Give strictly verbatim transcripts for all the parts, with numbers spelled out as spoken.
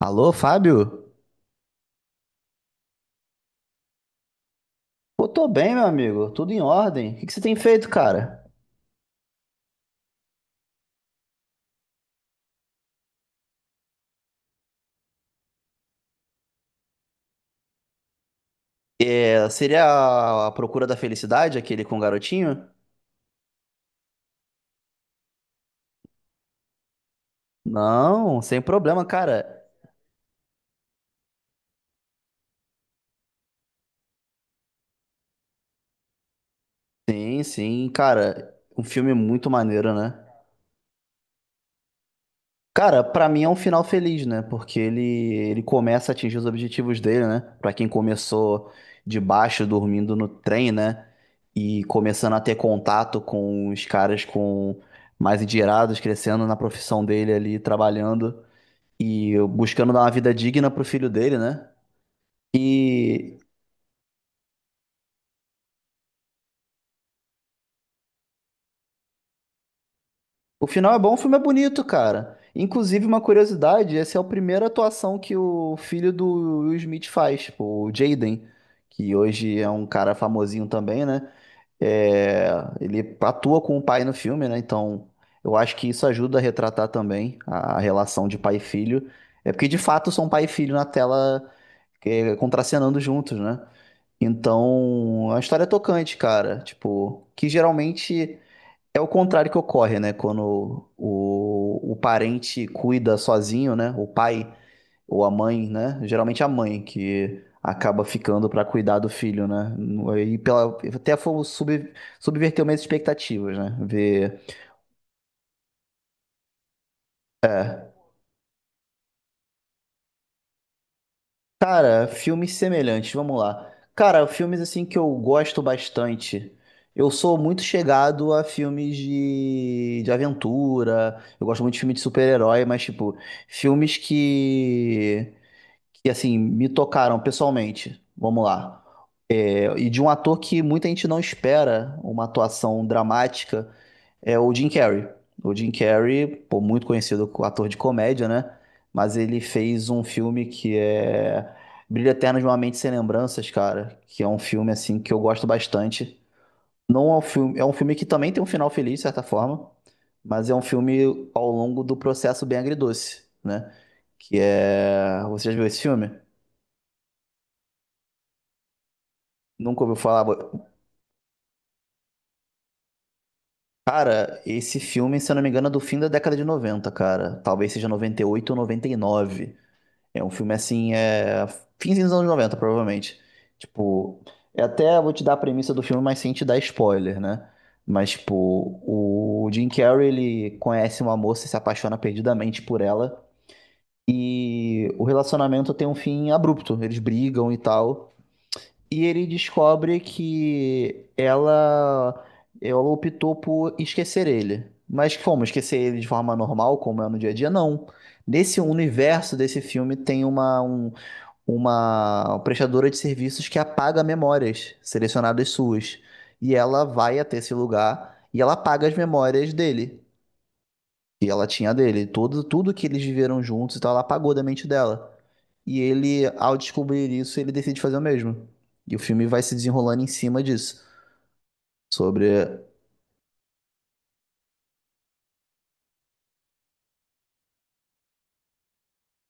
Alô, Fábio? Pô, tô bem, meu amigo. Tudo em ordem. O que que você tem feito, cara? É, seria a, a Procura da Felicidade, aquele com o garotinho? Não, sem problema, cara. Sim, sim, cara. Um filme muito maneiro, né? Cara, pra mim é um final feliz, né? Porque ele, ele começa a atingir os objetivos dele, né? Pra quem começou de baixo, dormindo no trem, né? E começando a ter contato com os caras com mais endinheirados, crescendo na profissão dele ali, trabalhando e buscando dar uma vida digna pro filho dele, né? E O final é bom, o filme é bonito, cara. Inclusive, uma curiosidade, essa é a primeira atuação que o filho do Will Smith faz, tipo, o Jaden, que hoje é um cara famosinho também, né? É, ele atua com o pai no filme, né? Então, eu acho que isso ajuda a retratar também a relação de pai e filho. É porque, de fato, são pai e filho na tela, é, contracenando juntos, né? Então, a história é tocante, cara. Tipo, que geralmente... é o contrário que ocorre, né? Quando o, o parente cuida sozinho, né? O pai ou a mãe, né? Geralmente a mãe que acaba ficando para cuidar do filho, né? E pela, até foi sub, subverter minhas expectativas, né? Ver. Cara, filmes semelhantes, vamos lá. Cara, filmes assim que eu gosto bastante. Eu sou muito chegado a filmes de, de aventura. Eu gosto muito de filme de super-herói, mas, tipo, filmes que que assim me tocaram pessoalmente. Vamos lá. É, e de um ator que muita gente não espera uma atuação dramática é o Jim Carrey. O Jim Carrey, pô, muito conhecido como ator de comédia, né? Mas ele fez um filme que é Brilho Eterno de uma Mente Sem Lembranças, cara, que é um filme assim que eu gosto bastante. Não é um filme, é um filme que também tem um final feliz, de certa forma, mas é um filme ao longo do processo bem agridoce, né? Que é, você já viu esse filme? Nunca ouviu falar. Cara, esse filme, se eu não me engano, é do fim da década de noventa, cara. Talvez seja noventa e oito ou noventa e nove. É um filme assim, é. Fins dos anos noventa provavelmente. Tipo, é até vou te dar a premissa do filme, mas sem te dar spoiler, né? Mas, tipo, o Jim Carrey, ele conhece uma moça e se apaixona perdidamente por ela. E o relacionamento tem um fim abrupto. Eles brigam e tal. E ele descobre que ela, ela optou por esquecer ele. Mas como? Esquecer ele de forma normal, como é no dia a dia? Não. Nesse universo desse filme tem uma, um- uma prestadora de serviços que apaga memórias selecionadas suas. E ela vai até esse lugar e ela apaga as memórias dele. E ela tinha a dele. Tudo, tudo que eles viveram juntos e tal, ela apagou da mente dela. E ele, ao descobrir isso, ele decide fazer o mesmo. E o filme vai se desenrolando em cima disso. Sobre.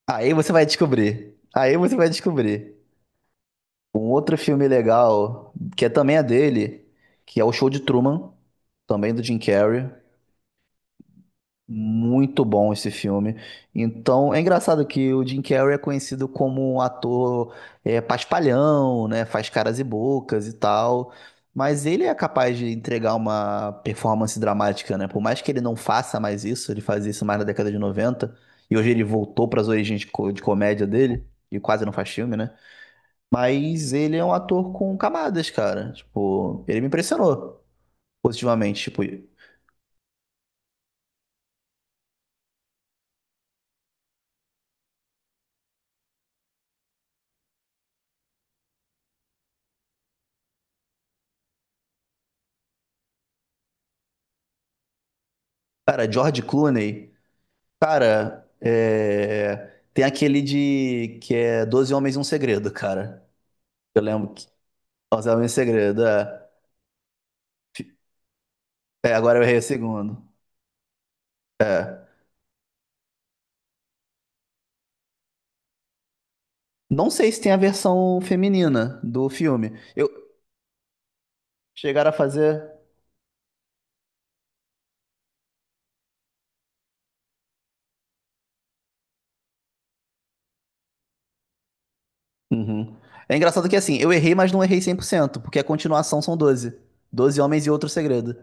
Aí você vai descobrir. Aí você vai descobrir. Um outro filme legal, que é também é dele, que é o Show de Truman, também do Jim Carrey. Muito bom esse filme. Então, é engraçado que o Jim Carrey é conhecido como um ator é, paspalhão, né? Faz caras e bocas e tal. Mas ele é capaz de entregar uma performance dramática, né? Por mais que ele não faça mais isso, ele fazia isso mais na década de noventa, e hoje ele voltou para as origens de co- de comédia dele, e quase não faz filme, né? Mas ele é um ator com camadas, cara. Tipo, ele me impressionou positivamente. Tipo, cara, George Clooney. Cara, é, tem aquele de que é Doze Homens e um Segredo, cara. Eu lembro que Doze Homens e um Segredo, é. Fi- É, agora eu errei o segundo. É. Não sei se tem a versão feminina do filme. Eu chegaram a fazer. Uhum. É engraçado que assim, eu errei, mas não errei cem por cento, porque a continuação são Doze. Doze Homens e Outro Segredo.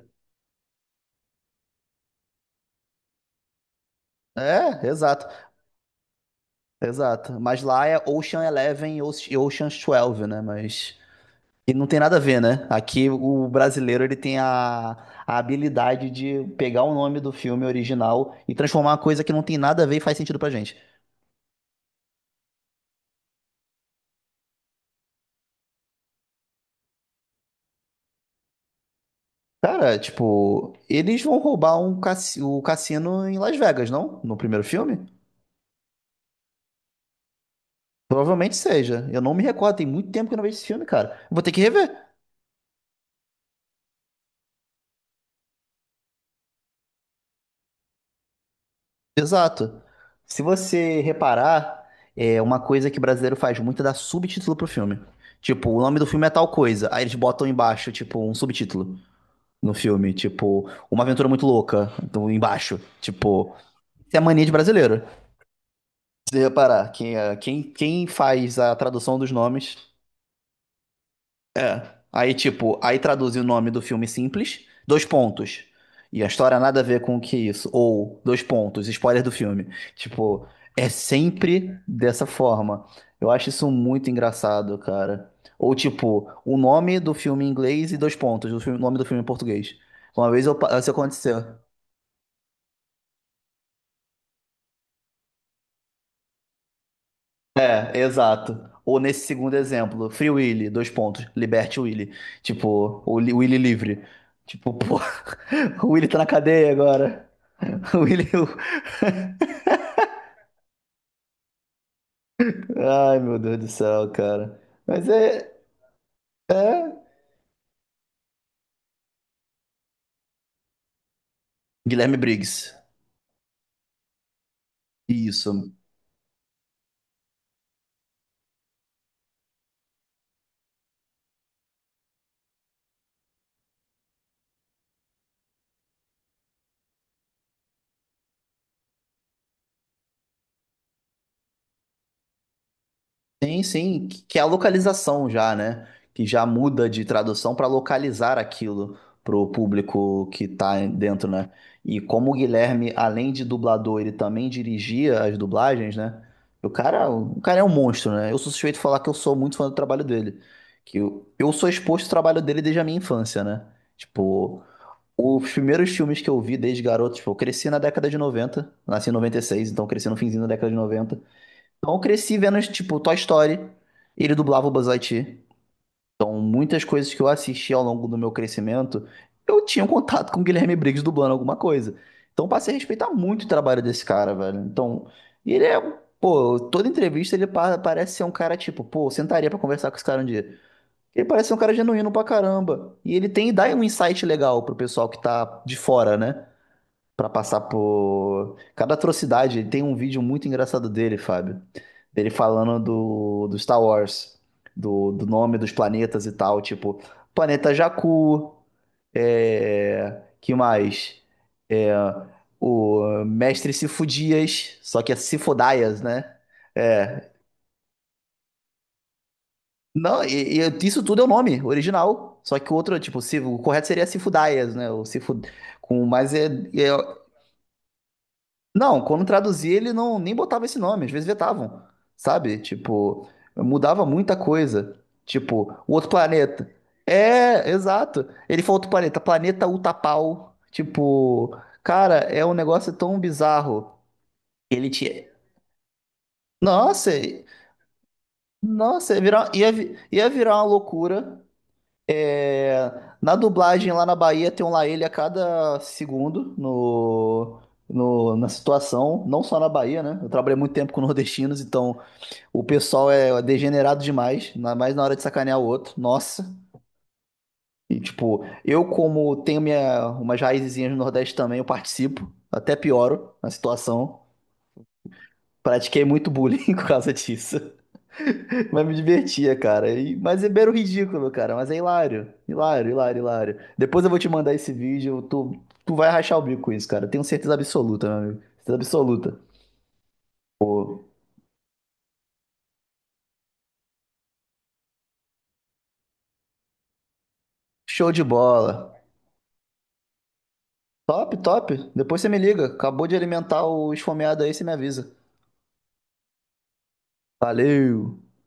É, exato, exato. Mas lá é Ocean Eleven e Oce- e Ocean's doze, né? Mas e não tem nada a ver, né? Aqui o brasileiro ele tem a, a habilidade de pegar o nome do filme original e transformar uma coisa que não tem nada a ver e faz sentido pra gente. Cara, tipo, eles vão roubar um cassi- o cassino em Las Vegas, não? No primeiro filme? Provavelmente seja. Eu não me recordo, tem muito tempo que eu não vejo esse filme, cara. Eu vou ter que rever. Exato. Se você reparar, é uma coisa que brasileiro faz muito é dar subtítulo pro filme. Tipo, o nome do filme é tal coisa. Aí eles botam embaixo, tipo, um subtítulo. No filme. Tipo, Uma Aventura Muito Louca, do, embaixo. Tipo, isso é a mania de brasileiro. Se você reparar, quem, é- quem, quem faz a tradução dos nomes é. Aí, tipo, aí traduz o nome do filme simples, dois pontos. E a história nada a ver com o que é isso. Ou, dois pontos, spoiler do filme. Tipo, é sempre dessa forma. Eu acho isso muito engraçado, cara. Ou, tipo, o nome do filme em inglês e dois pontos, o filme- o nome do filme em português. Uma vez eu, pa- isso aconteceu. É, exato. Ou nesse segundo exemplo, Free Willy, dois pontos, liberte o Willy. Tipo, o Li- o Willy livre. Tipo, pô, o Willy tá na cadeia agora. O Willy. Ai, meu Deus do céu, cara. Mas é. É. Guilherme Briggs. Isso. Sim, sim, que que é a localização já, né? Que já muda de tradução para localizar aquilo pro público que tá dentro, né? E como o Guilherme, além de dublador, ele também dirigia as dublagens, né? O cara, o cara é um monstro, né? Eu sou suspeito de falar que eu sou muito fã do trabalho dele. Que eu, eu sou exposto ao trabalho dele desde a minha infância, né? Tipo, os primeiros filmes que eu vi desde garoto, tipo, eu cresci na década de noventa. Nasci em noventa e seis, então cresci no finzinho da década de noventa. Então eu cresci vendo, tipo, Toy Story. Ele dublava o Buzz Lightyear. Então muitas coisas que eu assisti ao longo do meu crescimento, eu tinha um contato com o Guilherme Briggs dublando alguma coisa. Então eu passei a respeitar muito o trabalho desse cara, velho. Então, e ele é, um, pô, toda entrevista ele pa- parece ser um cara tipo, pô, eu sentaria pra conversar com esse cara um dia. Ele parece ser um cara genuíno pra caramba. E ele tem, dá um insight legal pro pessoal que tá de fora, né? Pra passar por cada atrocidade. Ele tem um vídeo muito engraçado dele, Fábio. Dele falando do, do Star Wars, do, do nome dos planetas e tal, tipo, planeta Jakku, é, que mais? É, o Mestre Sifudias, só que é Sifudaias, né? É. Não, e, e isso tudo é o nome original. Só que o outro, tipo, se, o correto seria Sifudaias, né? O Sifu, com, mas é, é, não, quando traduzia, ele não nem botava esse nome, às vezes vetavam, sabe? Tipo, mudava muita coisa. Tipo, o outro planeta. É, exato. Ele falou outro planeta, planeta Utapau. Tipo, cara, é um negócio tão bizarro. Ele tinha. Nossa, nossa, ia virar, ia, vi- ia virar uma loucura. É, na dublagem lá na Bahia tem um lá ele a cada segundo no, no- na situação, não só na Bahia, né? Eu trabalhei muito tempo com nordestinos, então o pessoal é degenerado demais, ainda mais na hora de sacanear o outro. Nossa. E tipo, eu como tenho minha, umas raizinhas no Nordeste também, eu participo, até pioro na situação. Pratiquei muito bullying por causa disso. Mas me divertia, cara. E- mas é mero ridículo, cara. Mas é hilário. Hilário, hilário, hilário. Depois eu vou te mandar esse vídeo. Tu, tu vai rachar o bico com isso, cara. Tenho certeza absoluta, meu amigo. Certeza absoluta. Show de bola. Top, top. Depois você me liga. Acabou de alimentar o esfomeado aí, você me avisa. Valeu.